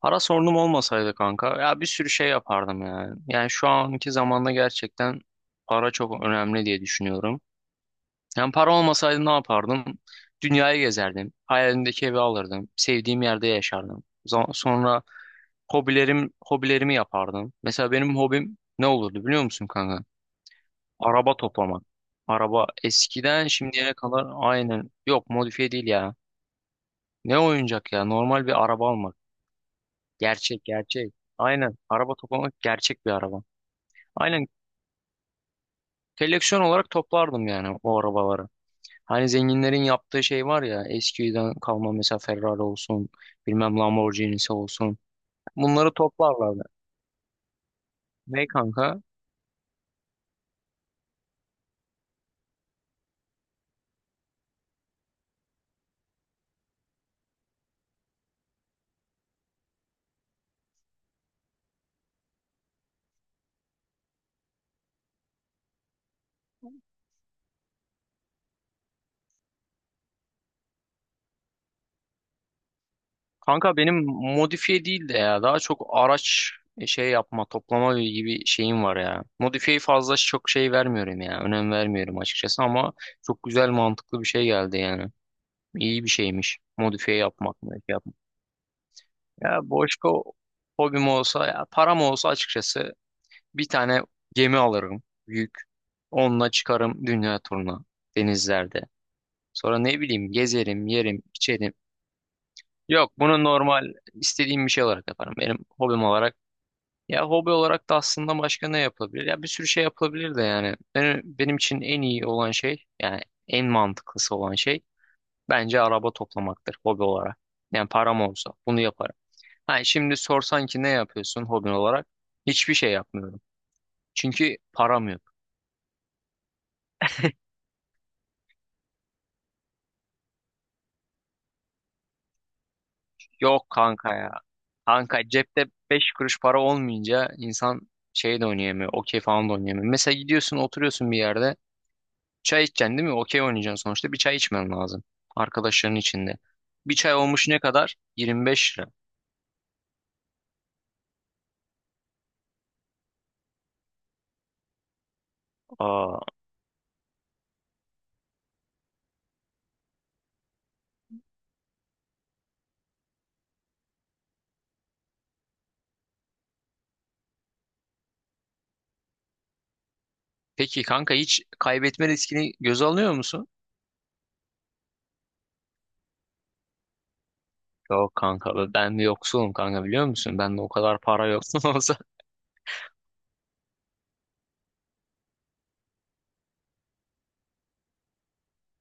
Para sorunum olmasaydı kanka ya bir sürü şey yapardım yani. Yani şu anki zamanda gerçekten para çok önemli diye düşünüyorum. Yani para olmasaydı ne yapardım? Dünyayı gezerdim. Hayalimdeki evi alırdım. Sevdiğim yerde yaşardım. Sonra hobilerimi yapardım. Mesela benim hobim ne olurdu biliyor musun kanka? Araba toplamak. Araba eskiden şimdiye kadar aynen yok modifiye değil ya. Ne oyuncak ya normal bir araba almak. Gerçek gerçek. Aynen. Araba toplamak gerçek bir araba. Aynen koleksiyon olarak toplardım yani o arabaları. Hani zenginlerin yaptığı şey var ya eskiden kalma mesela Ferrari olsun bilmem Lamborghini'si olsun. Bunları toplarlardı. Ne kanka? Kanka benim modifiye değil de ya daha çok araç şey yapma toplama gibi şeyim var ya. Modifiye fazla çok şey vermiyorum ya. Önem vermiyorum açıkçası ama çok güzel mantıklı bir şey geldi yani. İyi bir şeymiş. Modifiye yapmak, modifiye yapmak. Ya Boşko hobim olsa ya param olsa açıkçası bir tane gemi alırım büyük. Onunla çıkarım dünya turuna denizlerde. Sonra ne bileyim gezerim, yerim, içerim. Yok bunu normal istediğim bir şey olarak yaparım. Benim hobim olarak. Ya hobi olarak da aslında başka ne yapılabilir? Ya bir sürü şey yapılabilir de yani. Benim için en iyi olan şey yani en mantıklısı olan şey bence araba toplamaktır hobi olarak. Yani param olsa bunu yaparım. Ha, şimdi sorsan ki ne yapıyorsun hobin olarak? Hiçbir şey yapmıyorum. Çünkü param yok. Yok kanka ya. Kanka cepte 5 kuruş para olmayınca insan şey de oynayamıyor. Okey falan da oynayamıyor. Mesela gidiyorsun oturuyorsun bir yerde. Çay içeceksin değil mi? Okey oynayacaksın sonuçta. Bir çay içmen lazım. Arkadaşların içinde. Bir çay olmuş ne kadar? 25 lira. Aa, peki kanka hiç kaybetme riskini göze alıyor musun? Yok kanka ben bir yoksulum kanka biliyor musun? Bende o kadar para yok. Olsa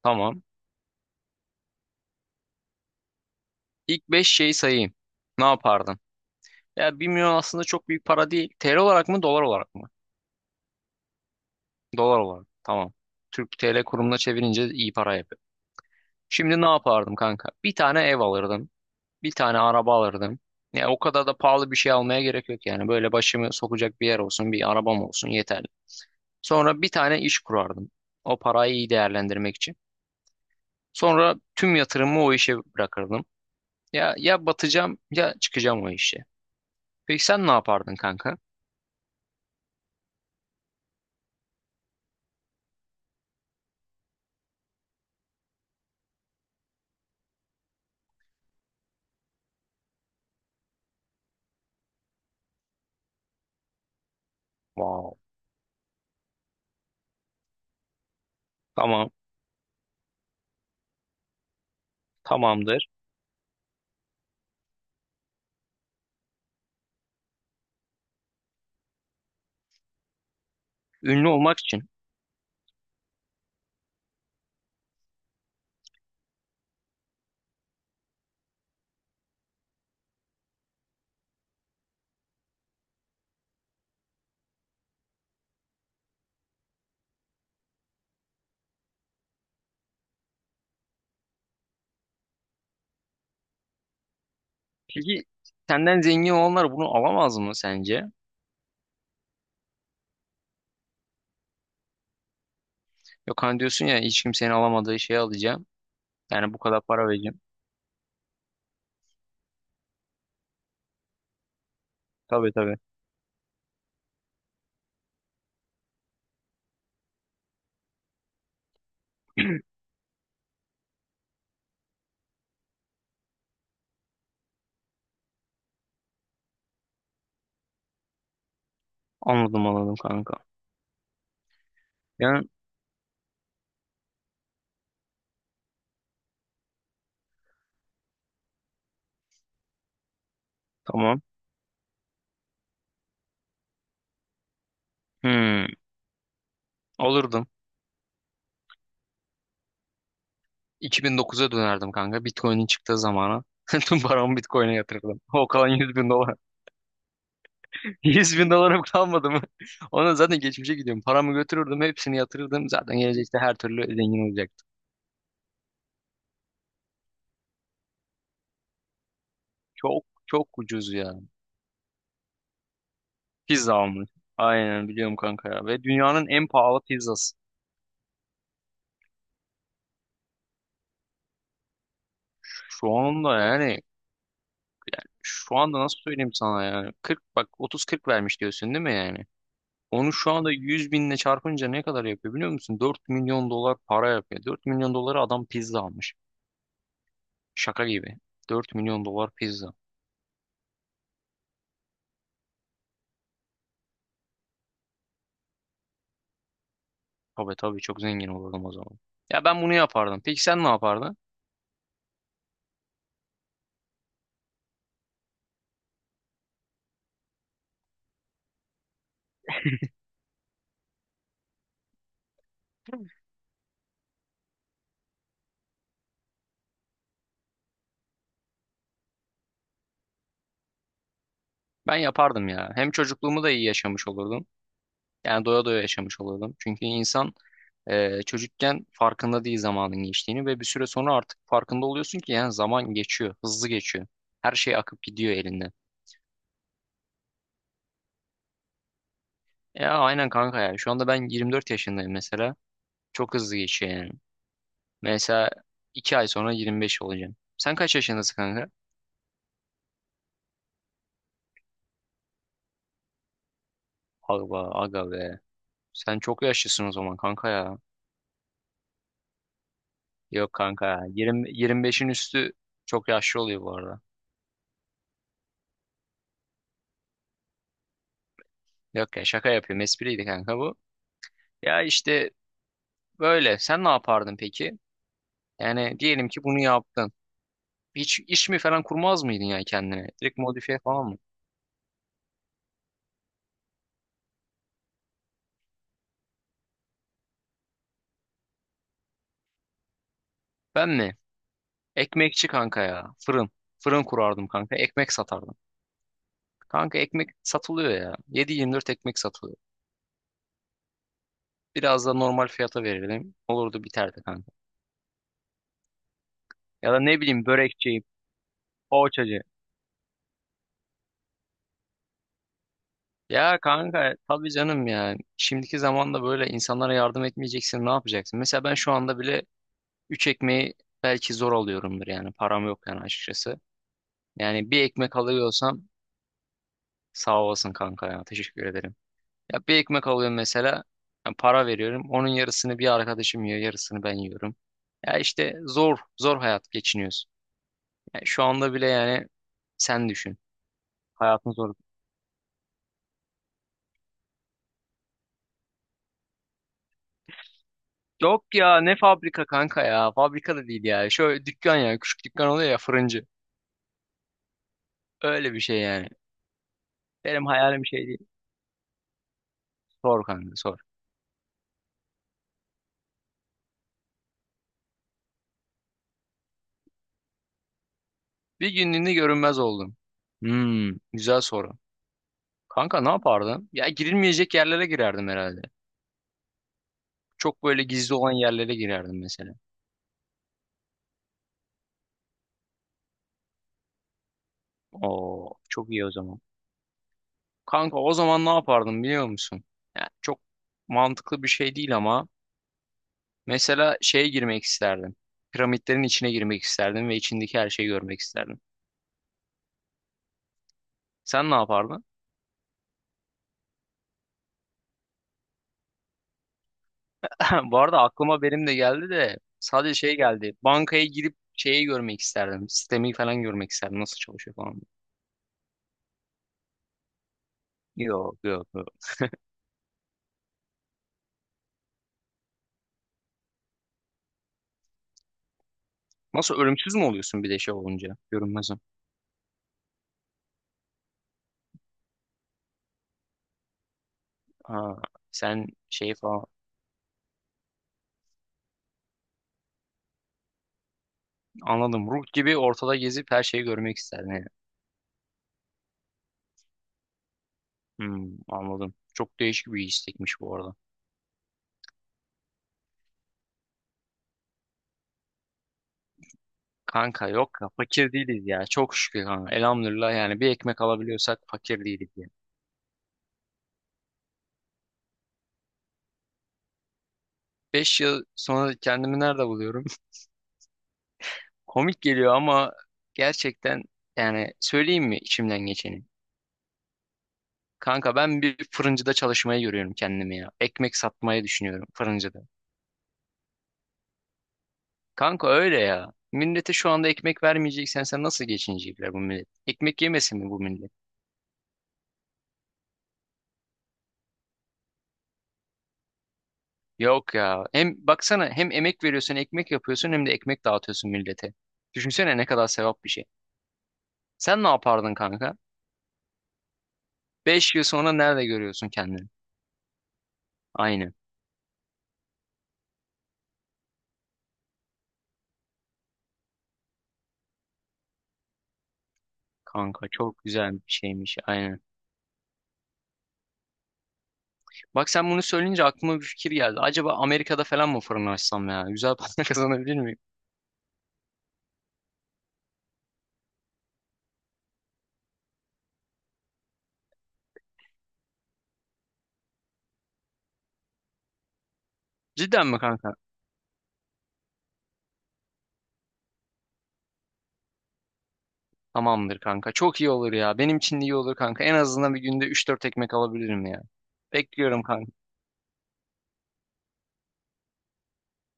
tamam. İlk 5 şeyi sayayım. Ne yapardın? Ya 1 milyon aslında çok büyük para değil. TL olarak mı, dolar olarak mı? Dolar olarak. Tamam. Türk TL kurumuna çevirince iyi para yapıyor. Şimdi ne yapardım kanka? Bir tane ev alırdım. Bir tane araba alırdım. Ya o kadar da pahalı bir şey almaya gerek yok yani. Böyle başımı sokacak bir yer olsun, bir arabam olsun yeterli. Sonra bir tane iş kurardım. O parayı iyi değerlendirmek için. Sonra tüm yatırımımı o işe bırakırdım. Ya ya batacağım ya çıkacağım o işe. Peki sen ne yapardın kanka? Wow. Tamam, tamamdır. Ünlü olmak için. Peki senden zengin olanlar bunu alamaz mı sence? Yok hani diyorsun ya hiç kimsenin alamadığı şeyi alacağım. Yani bu kadar para vereceğim. Tabii tabii. Anladım anladım kanka. Yani tamam. Hmm, olurdum. 2009'a dönerdim kanka. Bitcoin'in çıktığı zamana. Tüm paramı Bitcoin'e yatırırdım. O kalan 100 bin dolar. 100 bin dolarım kalmadı mı? Ona zaten geçmişe gidiyorum. Paramı götürürdüm. Hepsini yatırırdım. Zaten gelecekte her türlü zengin olacaktım. Çok çok ucuz ya. Pizza almış. Aynen biliyorum kanka ya. Ve dünyanın en pahalı pizzası. Şu anda yani şu anda nasıl söyleyeyim sana yani 40 bak 30-40 vermiş diyorsun değil mi yani? Onu şu anda 100 binle çarpınca ne kadar yapıyor biliyor musun? 4 milyon dolar para yapıyor. 4 milyon dolara adam pizza almış. Şaka gibi. 4 milyon dolar pizza. Tabii tabii çok zengin olurdum o zaman. Ya ben bunu yapardım. Peki sen ne yapardın? Ben yapardım ya. Hem çocukluğumu da iyi yaşamış olurdum. Yani doya doya yaşamış olurdum. Çünkü insan çocukken farkında değil zamanın geçtiğini ve bir süre sonra artık farkında oluyorsun ki yani zaman geçiyor, hızlı geçiyor. Her şey akıp gidiyor elinden. Ya aynen kanka ya. Şu anda ben 24 yaşındayım mesela. Çok hızlı geçiyor yani. Mesela 2 ay sonra 25 olacağım. Sen kaç yaşındasın kanka? Aga, aga be. Sen çok yaşlısın o zaman kanka ya. Yok kanka ya. 20, 25'in üstü çok yaşlı oluyor bu arada. Yok ya şaka yapıyorum. Espriydi kanka bu. Ya işte böyle. Sen ne yapardın peki? Yani diyelim ki bunu yaptın. Hiç iş mi falan kurmaz mıydın yani kendine? Direkt modifiye falan mı? Ben mi? Ekmekçi kanka ya. Fırın. Fırın kurardım kanka. Ekmek satardım. Kanka ekmek satılıyor ya. 7/24 ekmek satılıyor. Biraz da normal fiyata verelim, olurdu biterdi kanka. Ya da ne bileyim börekçi, poğaçacı. Ya kanka tabii canım ya. Şimdiki zamanda böyle insanlara yardım etmeyeceksin ne yapacaksın? Mesela ben şu anda bile 3 ekmeği belki zor alıyorumdur yani. Param yok yani açıkçası. Yani bir ekmek alıyorsam sağ olasın kanka ya. Teşekkür ederim. Ya bir ekmek alıyorum mesela, ben para veriyorum. Onun yarısını bir arkadaşım yiyor. Yarısını ben yiyorum. Ya işte zor. Zor hayat geçiniyoruz. Ya şu anda bile yani sen düşün. Hayatın zor. Yok ya ne fabrika kanka ya. Fabrika da değil ya. Şöyle dükkan ya. Küçük dükkan oluyor ya fırıncı. Öyle bir şey yani. Benim hayalim şey değil. Sor kanka sor. Bir günlüğüne görünmez oldum. Hmm, güzel soru. Kanka ne yapardın? Ya girilmeyecek yerlere girerdim herhalde. Çok böyle gizli olan yerlere girerdim mesela. Oo, çok iyi o zaman. Kanka o zaman ne yapardım biliyor musun? Yani çok mantıklı bir şey değil ama mesela şeye girmek isterdim. Piramitlerin içine girmek isterdim ve içindeki her şeyi görmek isterdim. Sen ne yapardın? Bu arada aklıma benim de geldi de sadece şey geldi. Bankaya girip şeyi görmek isterdim. Sistemi falan görmek isterdim. Nasıl çalışıyor falan. Yok yok yok. Nasıl ölümsüz mü oluyorsun bir de şey olunca? Görünmezim. Ha, sen şey falan. Anladım. Ruh gibi ortada gezip her şeyi görmek isterdin yani. Hmm, anladım. Çok değişik bir istekmiş bu arada. Kanka yok ya fakir değiliz ya. Çok şükür kanka. Elhamdülillah yani bir ekmek alabiliyorsak fakir değiliz ya. 5 yıl sonra kendimi nerede buluyorum? Komik geliyor ama gerçekten yani söyleyeyim mi içimden geçeni? Kanka ben bir fırıncıda çalışmayı görüyorum kendimi ya. Ekmek satmayı düşünüyorum fırıncıda. Kanka öyle ya. Millete şu anda ekmek vermeyeceksen sen nasıl geçinecekler bu millet? Ekmek yemesin mi bu millet? Yok ya. Hem baksana hem emek veriyorsun, ekmek yapıyorsun hem de ekmek dağıtıyorsun millete. Düşünsene ne kadar sevap bir şey. Sen ne yapardın kanka? 5 yıl sonra nerede görüyorsun kendini? Aynen. Kanka çok güzel bir şeymiş. Aynen. Bak sen bunu söyleyince aklıma bir fikir geldi. Acaba Amerika'da falan mı fırın açsam ya? Güzel para kazanabilir miyim? Cidden mi kanka? Tamamdır kanka. Çok iyi olur ya. Benim için de iyi olur kanka. En azından bir günde üç dört ekmek alabilirim ya. Bekliyorum kanka.